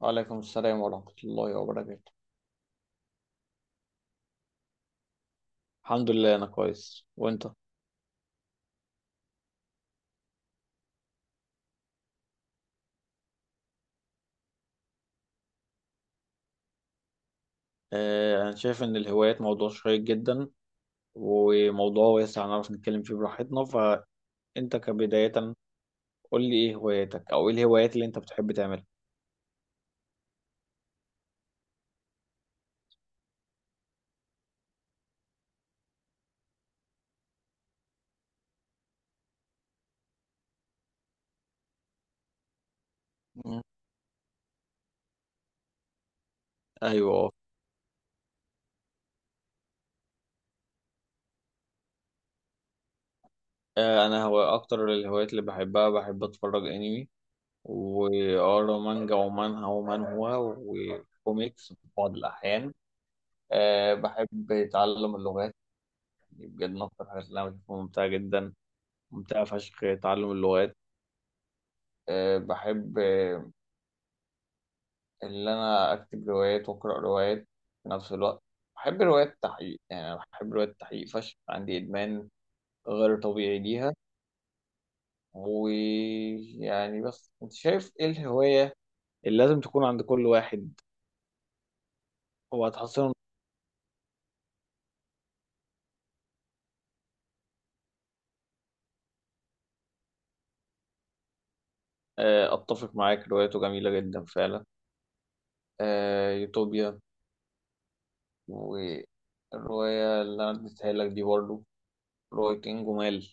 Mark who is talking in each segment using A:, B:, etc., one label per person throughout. A: وعليكم السلام ورحمة الله وبركاته. الحمد لله أنا كويس وأنت؟ آه، أنا شايف إن الهوايات موضوع شيق جدا وموضوع واسع نعرف نتكلم فيه براحتنا، فأنت كبداية قول لي إيه هواياتك أو إيه الهوايات اللي أنت بتحب تعملها؟ مم. أيوه. آه، أنا هو أكتر الهوايات اللي بحبها بحب أتفرج أنمي وأقرا مانجا ومانهوا وكوميكس في بعض الأحيان. آه، بحب أتعلم اللغات، دي بجد من أكتر الحاجات اللي أنا بشوفها ممتعة جدا، ممتع فشخ تعلم اللغات. أه بحب آه، اللي أنا أكتب روايات وأقرأ روايات في نفس الوقت. بحب روايات التحقيق، يعني أنا بحب روايات التحقيق فشخ، عندي إدمان غير طبيعي ليها. ويعني بس أنت شايف إيه الهواية اللي لازم تكون عند كل واحد؟ هو هتحسن. أه، أتفق معاك، روايته جميلة جدا فعلا. أه، يوتوبيا، والرواية اللي أنا اديتها لك دي برضه رواية إنجمال.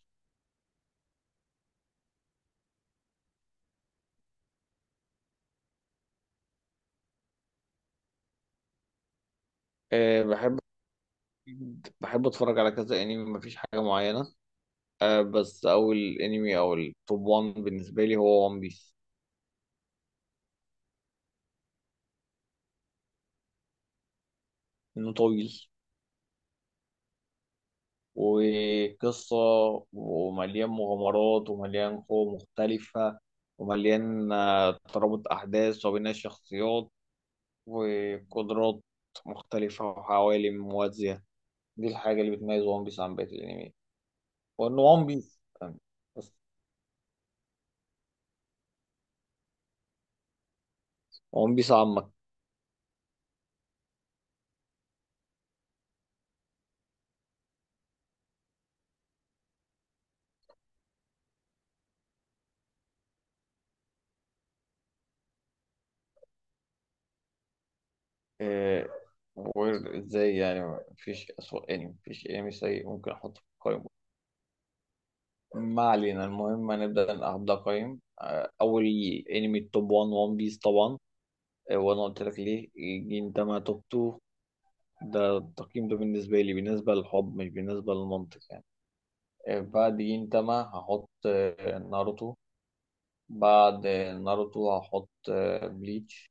A: أه، بحب اتفرج على كذا انمي، مفيش حاجه معينه. آه، بس اول انمي او التوب 1 بالنسبه لي هو ون بيس. انه طويل وقصه ومليان مغامرات ومليان قوى مختلفه ومليان ترابط احداث وبناء شخصيات وقدرات مختلفه وعوالم موازيه. دي الحاجه اللي بتميز ون بيس عن بقيه الانمي، وانه ون بيس بس، ون بيس عامه. إيه وير ازاي؟ يعني مفيش أسوأ انمي، مفيش انمي سيء ممكن احطه في القائمة. ما علينا، المهم نبدأ قائمة. أول انمي التوب 1 ون بيس طبعا. وأنا قلت لك ليه. ده ما توب 2. ده التقييم ده بالنسبة لي، بالنسبة للحب مش بالنسبة للمنطق يعني. بعد جينتاما هحط ناروتو. بعد ناروتو هحط بليتش.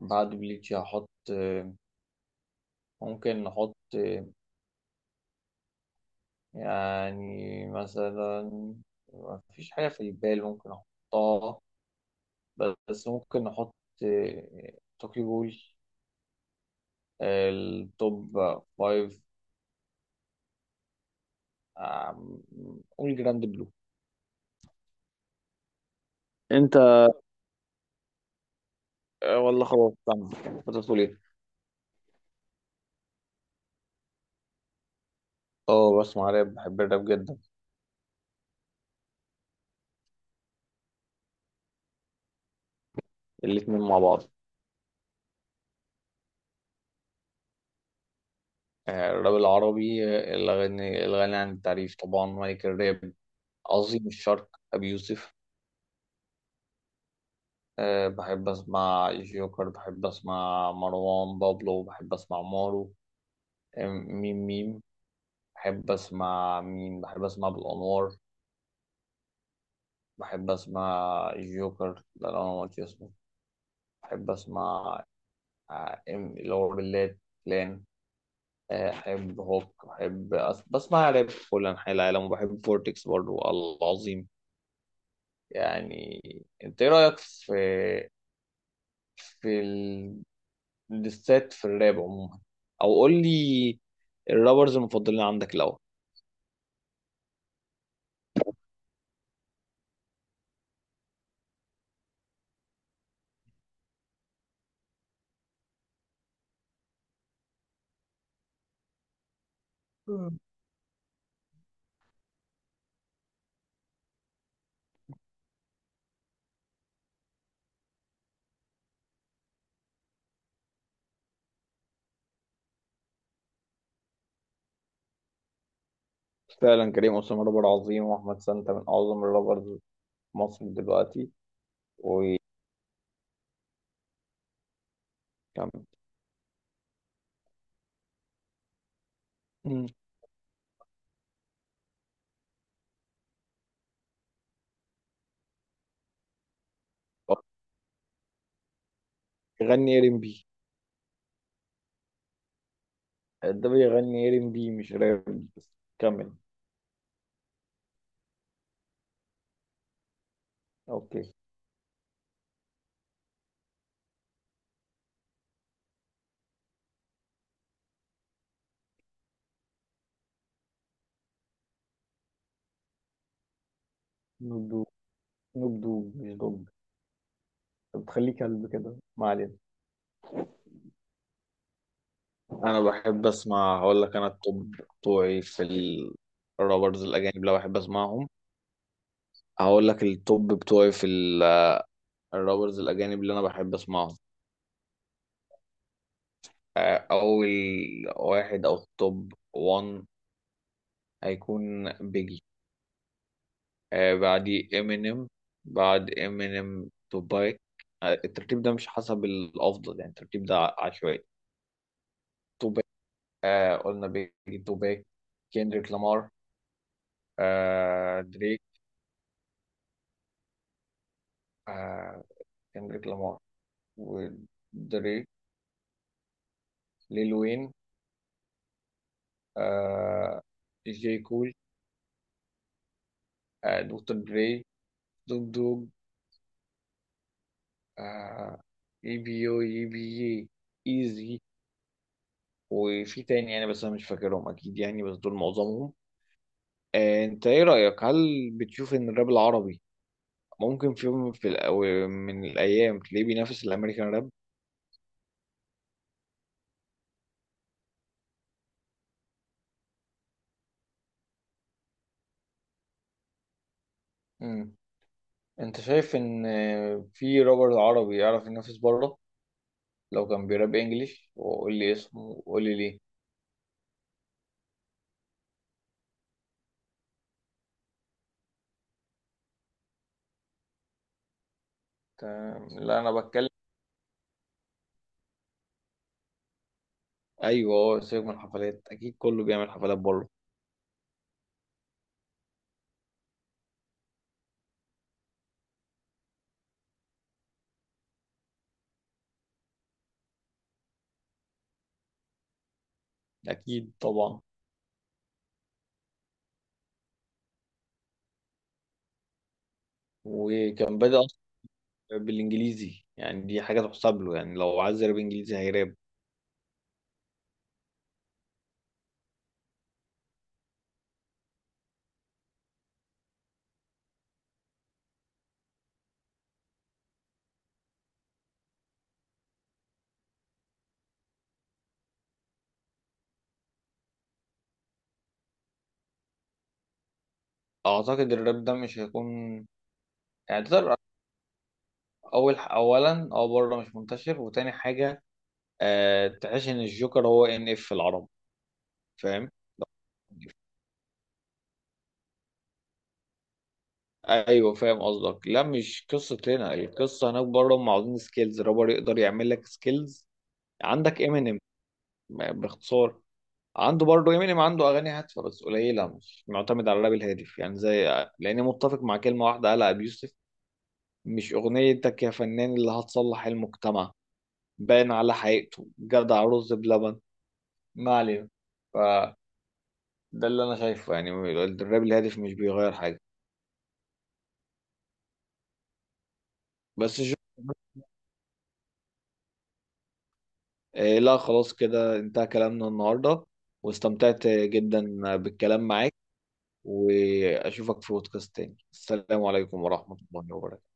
A: بعد بليتش هحط آه، ممكن نحط آه، يعني مثلا ما فيش حاجة في البال ممكن أحطها. بس ممكن نحط توكي بول. التوب فايف. آم، قول جراند بلو. انت. والله خلاص، استنى كنت بتقول ايه؟ اه، بسمع راب، بحب الراب جدا. الاتنين مع بعض. الراب العربي، الغني عن التعريف طبعا ملك الراب، عظيم الشرق أبي يوسف. أه، بحب أسمع جوكر، بحب أسمع مروان بابلو، بحب أسمع مارو. أه، ميم ميم بحب أسمع مين، بحب أسمع بالأنوار. بحب أسمع جوكر، ده اللي أنا قلت اسمه. بحب أسمع اللي هو بالليل لان. أحب هوك، بسمع راب في كل أنحاء العالم، وبحب فورتكس برضو العظيم. يعني أنت إيه رأيك في في للست في الراب عموما؟ او قول لي الرابرز المفضلين عندك الاول. مم. فعلا كريم أسامة رابر عظيم، وأحمد سانتا من أعظم الرابرز في مصر دلوقتي. وكم. مم. بيغني ار ام بي؟ ده بيغني ار ام بي مش راب، بس كمل. اوكي. نوب دوب، نوب دوب مش دوب. طب تخليه كلب كده، ما علينا. انا بحب اسمع، هقول لك انا التوب بتوعي في الرابرز الاجانب لو بحب اسمعهم. هقول لك التوب بتوعي في الرابرز الأجانب اللي أنا بحب أسمعهم. أول واحد أو التوب 1 هيكون بيجي. بعديه إمينيم. بعد إمينيم توباك. الترتيب ده مش حسب الأفضل، يعني الترتيب ده عشوائي. توباك. قلنا بيجي توباك، كيندريك لامار، دريك. آه، كيندريك لامار ودريك، ليل وين، آه، جي كول، دكتور دري، دوج. آه، اي بي يو اي بي يي، ايزي. وفي تاني يعني بس انا مش فاكرهم اكيد، يعني بس دول معظمهم. آه، انت ايه رأيك، هل بتشوف ان الراب العربي ممكن في يوم في من الايام تلاقيه بينافس الامريكان راب؟ امم، انت شايف ان في رابر عربي يعرف ينافس بره لو كان بيراب انجليش؟ وقول لي اسمه وقول لي ليه. تمام، لا انا بتكلم. ايوه، اه سيبك من الحفلات، اكيد كله بيعمل حفلات بره. اكيد طبعا. وكان بادئ بالانجليزي يعني، دي حاجه تحسب له، يعني لو عايز يراب انجليزي هيراب. اعتقد الراب ده مش هيكون يعني تقدر، اولا او بره مش منتشر، وتاني حاجه أه تحس ان الجوكر هو ان اف في العرب؟ فاهم. ايوه فاهم قصدك، لا مش قصه هنا، القصه هناك بره هم عاوزين سكيلز، رابر يقدر يعمل لك سكيلز. عندك امينيم باختصار، عنده برضه امينيم عنده اغاني هادفه بس قليله، مش معتمد على الراب الهادف يعني. زي لاني متفق مع كلمه واحده قالها ابي يوسف، مش أغنيتك يا فنان اللي هتصلح المجتمع. باين على حقيقته جدع رز بلبن، ما علينا. فده اللي أنا شايفه يعني، الراب الهادف مش بيغير حاجة. بس آه لا خلاص كده انتهى كلامنا النهاردة. واستمتعت جدا بالكلام معاك وأشوفك في بودكاست تاني. السلام عليكم ورحمة الله وبركاته.